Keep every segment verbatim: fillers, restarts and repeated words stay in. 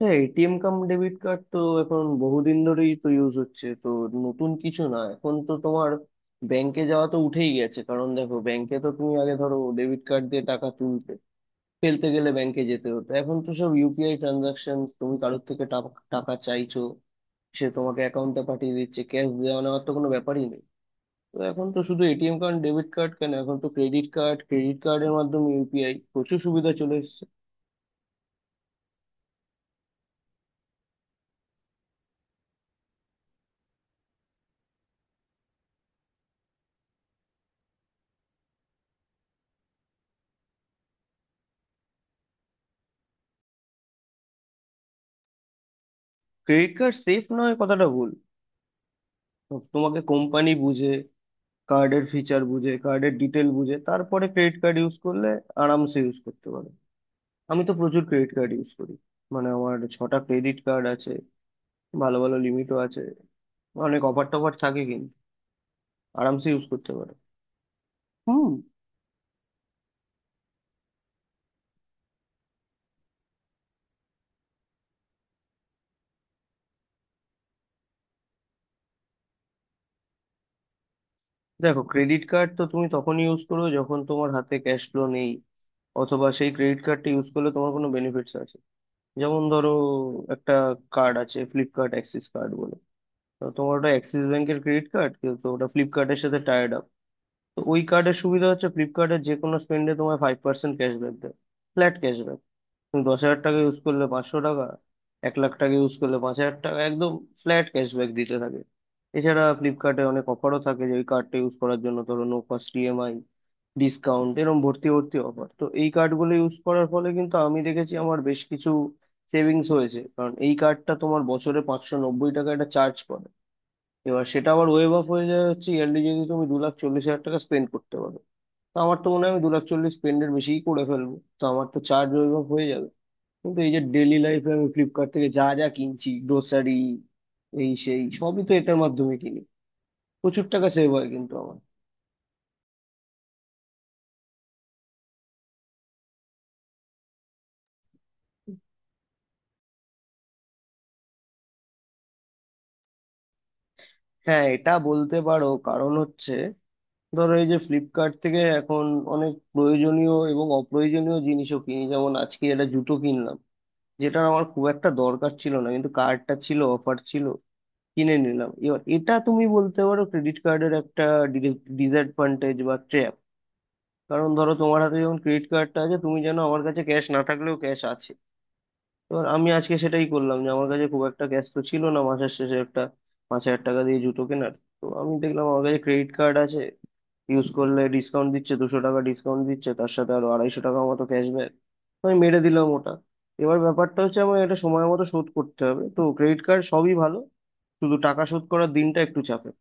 হ্যাঁ, ATM cum debit card তো এখন বহুদিন ধরেই তো ইউজ হচ্ছে তো, নতুন কিছু না। এখন তো তোমার ব্যাংকে যাওয়া তো উঠেই গেছে, কারণ দেখো ব্যাংকে তো তুমি আগে ধরো ডেবিট কার্ড দিয়ে টাকা তুলতে ফেলতে গেলে ব্যাংকে যেতে হতো। এখন তো সব ইউপিআই ট্রানজাকশন, তুমি কারোর থেকে টাক- টাকা চাইছো, সে তোমাকে অ্যাকাউন্টে পাঠিয়ে দিচ্ছে, ক্যাশ দেওয়া নেওয়ার তো কোনো ব্যাপারই নেই। তো এখন তো শুধু এটিএম কার্ড ডেবিট কার্ড কেন, এখন তো ক্রেডিট কার্ড, ক্রেডিট কার্ডের মাধ্যমে ইউপিআই, প্রচুর সুবিধা চলে এসেছে। ক্রেডিট কার্ড সেফ নয় কথাটা ভুল। তো তোমাকে কোম্পানি বুঝে, কার্ডের ফিচার বুঝে, কার্ডের ডিটেল বুঝে, তারপরে ক্রেডিট কার্ড ইউজ করলে আরামসে ইউজ করতে পারো। আমি তো প্রচুর ক্রেডিট কার্ড ইউজ করি, মানে আমার ছটা ক্রেডিট কার্ড আছে, ভালো ভালো লিমিটও আছে, অনেক অফার টফার থাকে, কিন্তু আরামসে ইউজ করতে পারো। হুম। দেখো, ক্রেডিট কার্ড তো তুমি তখনই ইউজ করো যখন তোমার হাতে ক্যাশ ফ্লো নেই, অথবা সেই ক্রেডিট কার্ডটা ইউজ করলে তোমার কোনো বেনিফিটস আছে। যেমন ধরো, একটা কার্ড আছে ফ্লিপকার্ট অ্যাক্সিস কার্ড বলে, তো তোমার ওটা অ্যাক্সিস ব্যাংকের ক্রেডিট কার্ড, কিন্তু ওটা ফ্লিপকার্টের সাথে টাইড আপ। তো ওই কার্ডের সুবিধা হচ্ছে ফ্লিপকার্টের যে কোনো স্পেন্ডে তোমায় ফাইভ পার্সেন্ট ক্যাশব্যাক দেয়, ফ্ল্যাট ক্যাশব্যাক। তুমি দশ হাজার টাকা ইউজ করলে পাঁচশো টাকা, এক লাখ টাকা ইউজ করলে পাঁচ হাজার টাকা, একদম ফ্ল্যাট ক্যাশব্যাক দিতে থাকে। এছাড়া ফ্লিপকার্টে অনেক অফারও থাকে যে ওই কার্ডটা ইউজ করার জন্য, ধরো নো কস্ট ইএমআই, ডিসকাউন্ট, এরকম ভর্তি ভর্তি অফার। তো এই কার্ডগুলো ইউজ করার ফলে কিন্তু আমি দেখেছি আমার বেশ কিছু সেভিংস হয়েছে, কারণ এই কার্ডটা তোমার বছরে পাঁচশো নব্বই টাকা একটা চার্জ করে। এবার সেটা আবার ওয়েভ অফ হয়ে যায়, হচ্ছে ইয়ারলি যদি তুমি দু লাখ চল্লিশ হাজার টাকা স্পেন্ড করতে পারো। তো আমার তো মনে হয় আমি দু লাখ চল্লিশ স্পেন্ডের বেশিই করে ফেলবো, তো আমার তো চার্জ ওয়েভ অফ হয়ে যাবে। কিন্তু এই যে ডেলি লাইফে আমি ফ্লিপকার্ট থেকে যা যা কিনছি, গ্রোসারি এই সেই সবই তো এটার মাধ্যমে কিনি, প্রচুর টাকা সেভ হয় কিন্তু আমার। হ্যাঁ, এটা বলতে পারো। কারণ হচ্ছে, ধরো এই যে ফ্লিপকার্ট থেকে এখন অনেক প্রয়োজনীয় এবং অপ্রয়োজনীয় জিনিসও কিনি, যেমন আজকে একটা জুতো কিনলাম যেটা আমার খুব একটা দরকার ছিল না, কিন্তু কার্ডটা ছিল, অফার ছিল, কিনে নিলাম। এবার এটা তুমি বলতে পারো ক্রেডিট কার্ডের একটা ডিসঅ্যাডভান্টেজ বা ট্র্যাপ, কারণ ধরো তোমার হাতে যখন ক্রেডিট কার্ডটা আছে তুমি জানো আমার কাছে ক্যাশ না থাকলেও ক্যাশ আছে। এবার আমি আজকে সেটাই করলাম, যে আমার কাছে খুব একটা ক্যাশ তো ছিল না মাসের শেষে একটা পাঁচ হাজার টাকা দিয়ে জুতো কেনার। তো আমি দেখলাম আমার কাছে ক্রেডিট কার্ড আছে, ইউজ করলে ডিসকাউন্ট দিচ্ছে, দুশো টাকা ডিসকাউন্ট দিচ্ছে, তার সাথে আরো আড়াইশো টাকা মতো ক্যাশব্যাক, আমি মেরে দিলাম ওটা। এবার ব্যাপারটা হচ্ছে আমার এটা সময় মতো শোধ করতে হবে। তো ক্রেডিট কার্ড সবই ভালো, শুধু টাকা শোধ করার দিনটা একটু চাপের।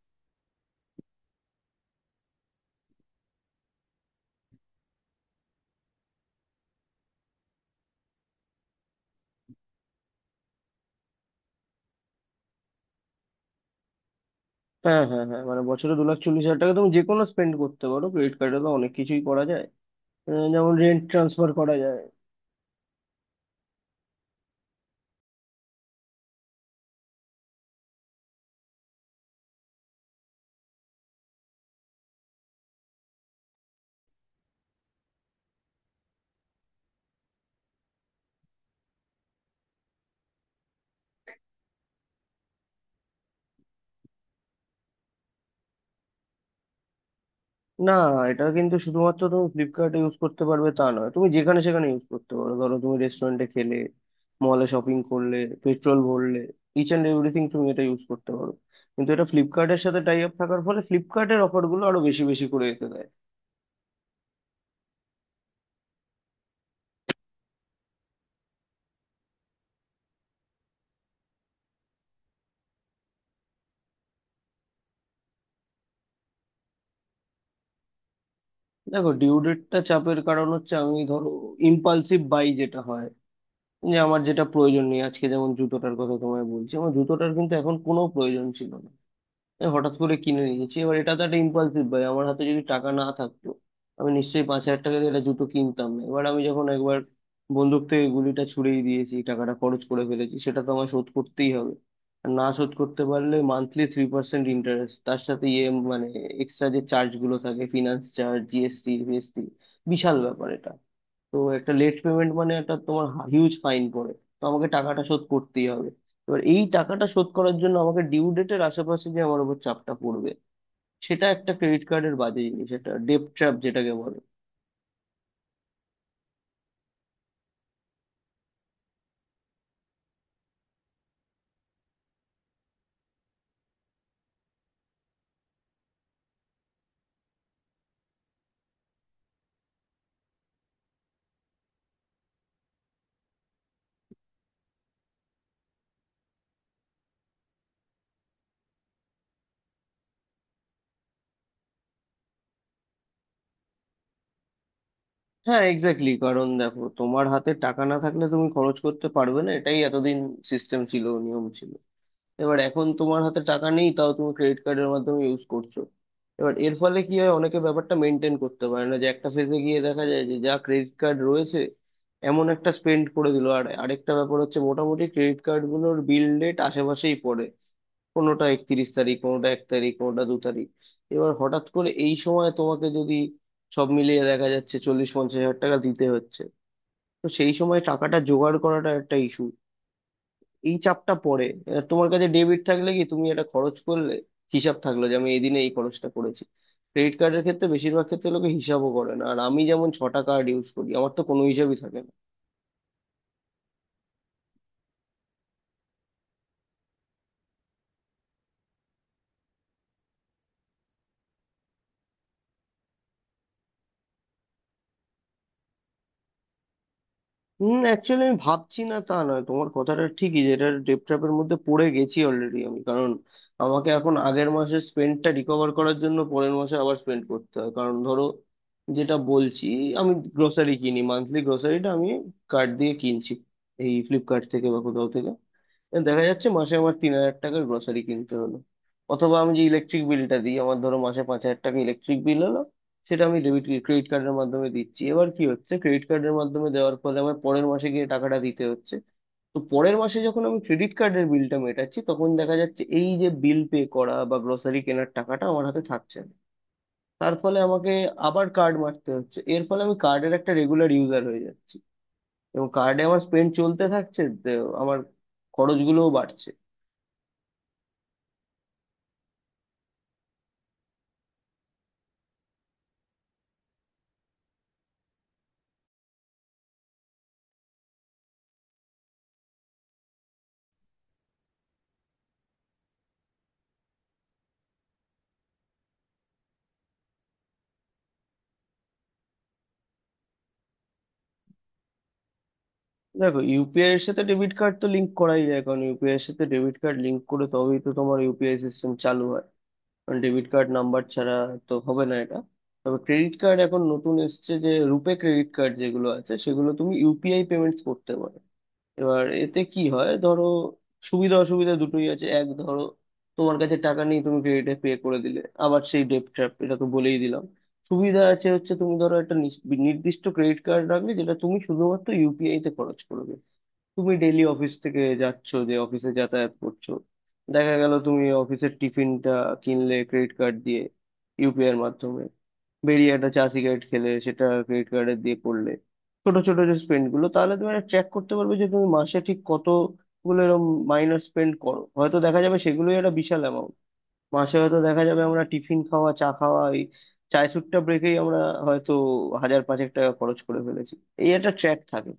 হ্যাঁ হ্যাঁ হ্যাঁ, মানে বছরে দু লাখ চল্লিশ হাজার টাকা তুমি যে কোনো স্পেন্ড করতে পারো, ক্রেডিট কার্ডে তো অনেক কিছুই করা যায়। আহ, যেমন রেন্ট ট্রান্সফার করা যায়। না, এটা কিন্তু শুধুমাত্র তুমি ফ্লিপকার্টে ইউজ করতে পারবে তা নয়, তুমি যেখানে সেখানে ইউজ করতে পারো। ধরো তুমি রেস্টুরেন্টে খেলে, মলে শপিং করলে, পেট্রোল ভরলে, ইচ অ্যান্ড এভরিথিং তুমি এটা ইউজ করতে পারো। কিন্তু এটা ফ্লিপকার্টের সাথে টাই আপ থাকার ফলে ফ্লিপকার্টের অফারগুলো আরো বেশি বেশি করে এতে দেয়। দেখো, ডিউ ডেটটা চাপের, কারণ হচ্ছে আমি ধরো ইম্পালসিভ বাই যেটা হয়, যে আমার যেটা প্রয়োজন নেই, আজকে যেমন জুতোটার কথা তোমায় বলছি, আমার জুতোটার কিন্তু এখন কোনো প্রয়োজন ছিল না, আমি হঠাৎ করে কিনে নিয়েছি। এবার এটা তো একটা ইম্পালসিভ বাই, আমার হাতে যদি টাকা না থাকতো আমি নিশ্চয়ই পাঁচ হাজার টাকা দিয়ে একটা জুতো কিনতাম না। এবার আমি যখন একবার বন্দুক থেকে গুলিটা ছুড়েই দিয়েছি, টাকাটা খরচ করে ফেলেছি, সেটা তো আমায় শোধ করতেই হবে। আর না শোধ করতে পারলে মান্থলি থ্রি পার্সেন্ট ইন্টারেস্ট, তার সাথে ইয়ে মানে এক্সট্রা যে চার্জ গুলো থাকে, ফিনান্স চার্জ, জিএসটি, ফিএসটি, বিশাল ব্যাপার এটা। তো একটা লেট পেমেন্ট মানে একটা তোমার হিউজ ফাইন পড়ে, তো আমাকে টাকাটা শোধ করতেই হবে। এবার এই টাকাটা শোধ করার জন্য আমাকে ডিউ ডেটের আশেপাশে যে আমার উপর চাপটা পড়বে, সেটা একটা ক্রেডিট কার্ডের বাজে জিনিস, একটা ডেট ট্র্যাপ যেটাকে বলে। হ্যাঁ এক্স্যাক্টলি। কারণ দেখো, তোমার হাতে টাকা না থাকলে তুমি খরচ করতে পারবে না, এটাই এতদিন সিস্টেম ছিল, নিয়ম ছিল। এবার এখন তোমার হাতে টাকা নেই, তাও তুমি ক্রেডিট কার্ডের মাধ্যমে ইউজ করছো। এবার এর ফলে কি হয়, অনেকে ব্যাপারটা মেনটেন করতে পারে না, যে একটা ফেজে গিয়ে দেখা যায় যে যা ক্রেডিট কার্ড রয়েছে এমন একটা স্পেন্ড করে দিল। আর আরেকটা ব্যাপার হচ্ছে, মোটামুটি ক্রেডিট কার্ডগুলোর বিল ডেট আশেপাশেই পড়ে, কোনোটা একত্রিশ তারিখ, কোনোটা এক তারিখ, কোনোটা দু তারিখ। এবার হঠাৎ করে এই সময় তোমাকে যদি সব মিলিয়ে দেখা যাচ্ছে চল্লিশ পঞ্চাশ হাজার টাকা দিতে হচ্ছে, তো সেই সময় টাকাটা জোগাড় করাটা একটা ইস্যু, এই চাপটা পড়ে। আহ, তোমার কাছে ডেবিট থাকলে কি তুমি এটা খরচ করলে হিসাব থাকলো যে আমি এই দিনে এই খরচটা করেছি। ক্রেডিট কার্ডের ক্ষেত্রে বেশিরভাগ ক্ষেত্রে লোকে হিসাবও করে না, আর আমি যেমন ছটা কার্ড ইউজ করি, আমার তো কোনো হিসাবই থাকে না। হুম, অ্যাকচুয়ালি আমি ভাবছি না তা নয়, তোমার কথাটা ঠিকই যে এটার ডেপ ট্র্যাপের মধ্যে পড়ে গেছি অলরেডি আমি। কারণ আমাকে এখন আগের মাসের স্পেন্ডটা রিকভার করার জন্য পরের মাসে আবার স্পেন্ড করতে হয়। কারণ ধরো, যেটা বলছি, আমি গ্রোসারি কিনি, মান্থলি গ্রোসারিটা আমি কার্ড দিয়ে কিনছি এই ফ্লিপকার্ট থেকে বা কোথাও থেকে। দেখা যাচ্ছে মাসে আমার তিন হাজার টাকার গ্রোসারি কিনতে হলো, অথবা আমি যে ইলেকট্রিক বিলটা দিই, আমার ধরো মাসে পাঁচ হাজার টাকা ইলেকট্রিক বিল হলো, সেটা আমি ডেবিট ক্রেডিট কার্ডের মাধ্যমে দিচ্ছি। এবার কি হচ্ছে, ক্রেডিট কার্ডের মাধ্যমে দেওয়ার ফলে আমার পরের মাসে গিয়ে টাকাটা দিতে হচ্ছে। তো পরের মাসে যখন আমি ক্রেডিট কার্ডের বিলটা মেটাচ্ছি, তখন দেখা যাচ্ছে এই যে বিল পে করা বা গ্রোসারি কেনার টাকাটা আমার হাতে থাকছে না, তার ফলে আমাকে আবার কার্ড মারতে হচ্ছে। এর ফলে আমি কার্ডের একটা রেগুলার ইউজার হয়ে যাচ্ছি এবং কার্ডে আমার স্পেন্ড চলতে থাকছে, দে- আমার খরচগুলোও বাড়ছে। দেখো, ইউপিআই এর সাথে ডেবিট কার্ড তো লিংক করাই যায়, কারণ ইউপিআই এর সাথে ডেবিট কার্ড লিংক করে তবেই তো তোমার ইউপিআই সিস্টেম চালু হয়, কারণ ডেবিট কার্ড নাম্বার ছাড়া তো হবে না এটা। তবে ক্রেডিট কার্ড এখন নতুন এসছে যে রুপে ক্রেডিট কার্ড যেগুলো আছে সেগুলো তুমি ইউপিআই পেমেন্টস করতে পারো। এবার এতে কি হয়, ধরো সুবিধা অসুবিধা দুটোই আছে। এক, ধরো তোমার কাছে টাকা নেই, তুমি ক্রেডিটে পে করে দিলে, আবার সেই ডেট ট্র্যাপ, এটা তো বলেই দিলাম। সুবিধা আছে হচ্ছে, তুমি ধরো একটা নিস- নির্দিষ্ট ক্রেডিট কার্ড রাখলে যেটা তুমি শুধুমাত্র ইউপিআই তে খরচ করবে। তুমি ডেইলি অফিস থেকে যাচ্ছ, যে অফিসে যাতায়াত করছো, দেখা গেল তুমি অফিসের টিফিনটা কিনলে ক্রেডিট কার্ড দিয়ে ইউপিআই এর মাধ্যমে, বেরিয়ে একটা চা সিগারেট খেলে সেটা ক্রেডিট কার্ডে দিয়ে করলে। ছোট ছোট যে স্পেন্ড গুলো, তাহলে তুমি একটা ট্র্যাক করতে পারবে যে তুমি মাসে ঠিক কতগুলো এরকম মাইনর স্পেন্ড করো। হয়তো দেখা যাবে সেগুলোই একটা বিশাল অ্যামাউন্ট। মাসে হয়তো দেখা যাবে আমরা টিফিন খাওয়া, চা খাওয়া, এই চায় সুট্টা ব্রেকেই আমরা হয়তো হাজার পাঁচেক টাকা খরচ করে ফেলেছি। এই একটা ট্র্যাক থাকে।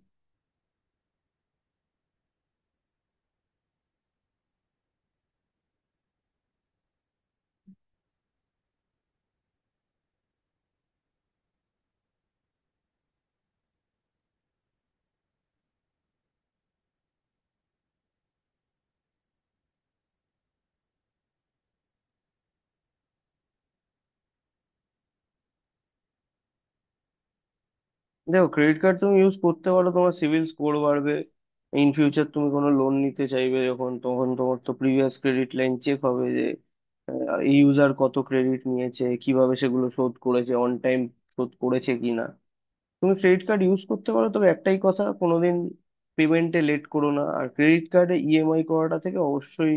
দেখো, ক্রেডিট কার্ড তুমি ইউজ করতে পারো, তোমার সিভিল স্কোর বাড়বে। ইন ফিউচার তুমি কোনো লোন নিতে চাইবে যখন, তখন তোমার তো প্রিভিয়াস ক্রেডিট লাইন চেক হবে, যে আহ, এই ইউজার কত ক্রেডিট নিয়েছে, কিভাবে সেগুলো শোধ করেছে, অন টাইম শোধ করেছে কিনা। তুমি ক্রেডিট কার্ড ইউজ করতে পারো, তবে একটাই কথা, কোনোদিন পেমেন্টে লেট করো না, আর ক্রেডিট কার্ডে ইএমআই করাটা থেকে অবশ্যই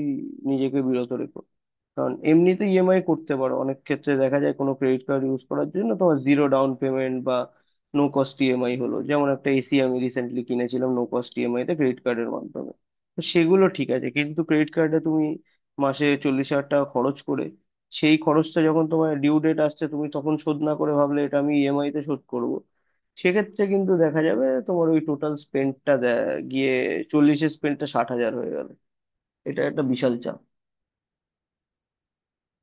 নিজেকে বিরত রেখো। কারণ এমনিতে ইএমআই করতে পারো, অনেক ক্ষেত্রে দেখা যায় কোনো ক্রেডিট কার্ড ইউজ করার জন্য তোমার জিরো ডাউন পেমেন্ট বা নো কস্ট ইএমআই হলো, যেমন একটা এসি আমি রিসেন্টলি কিনেছিলাম নো কস্ট ইএমআই তে ক্রেডিট কার্ডের মাধ্যমে, তো সেগুলো ঠিক আছে। কিন্তু ক্রেডিট কার্ডে তুমি মাসে চল্লিশ হাজার টাকা খরচ করে সেই খরচটা যখন তোমার ডিউ ডেট আসছে তুমি তখন শোধ না করে ভাবলে এটা আমি ইএমআই তে শোধ করব, সেক্ষেত্রে কিন্তু দেখা যাবে তোমার ওই টোটাল স্পেন্ডটা গিয়ে চল্লিশের স্পেন্ডটা ষাট হাজার হয়ে গেল। এটা একটা বিশাল চাপ।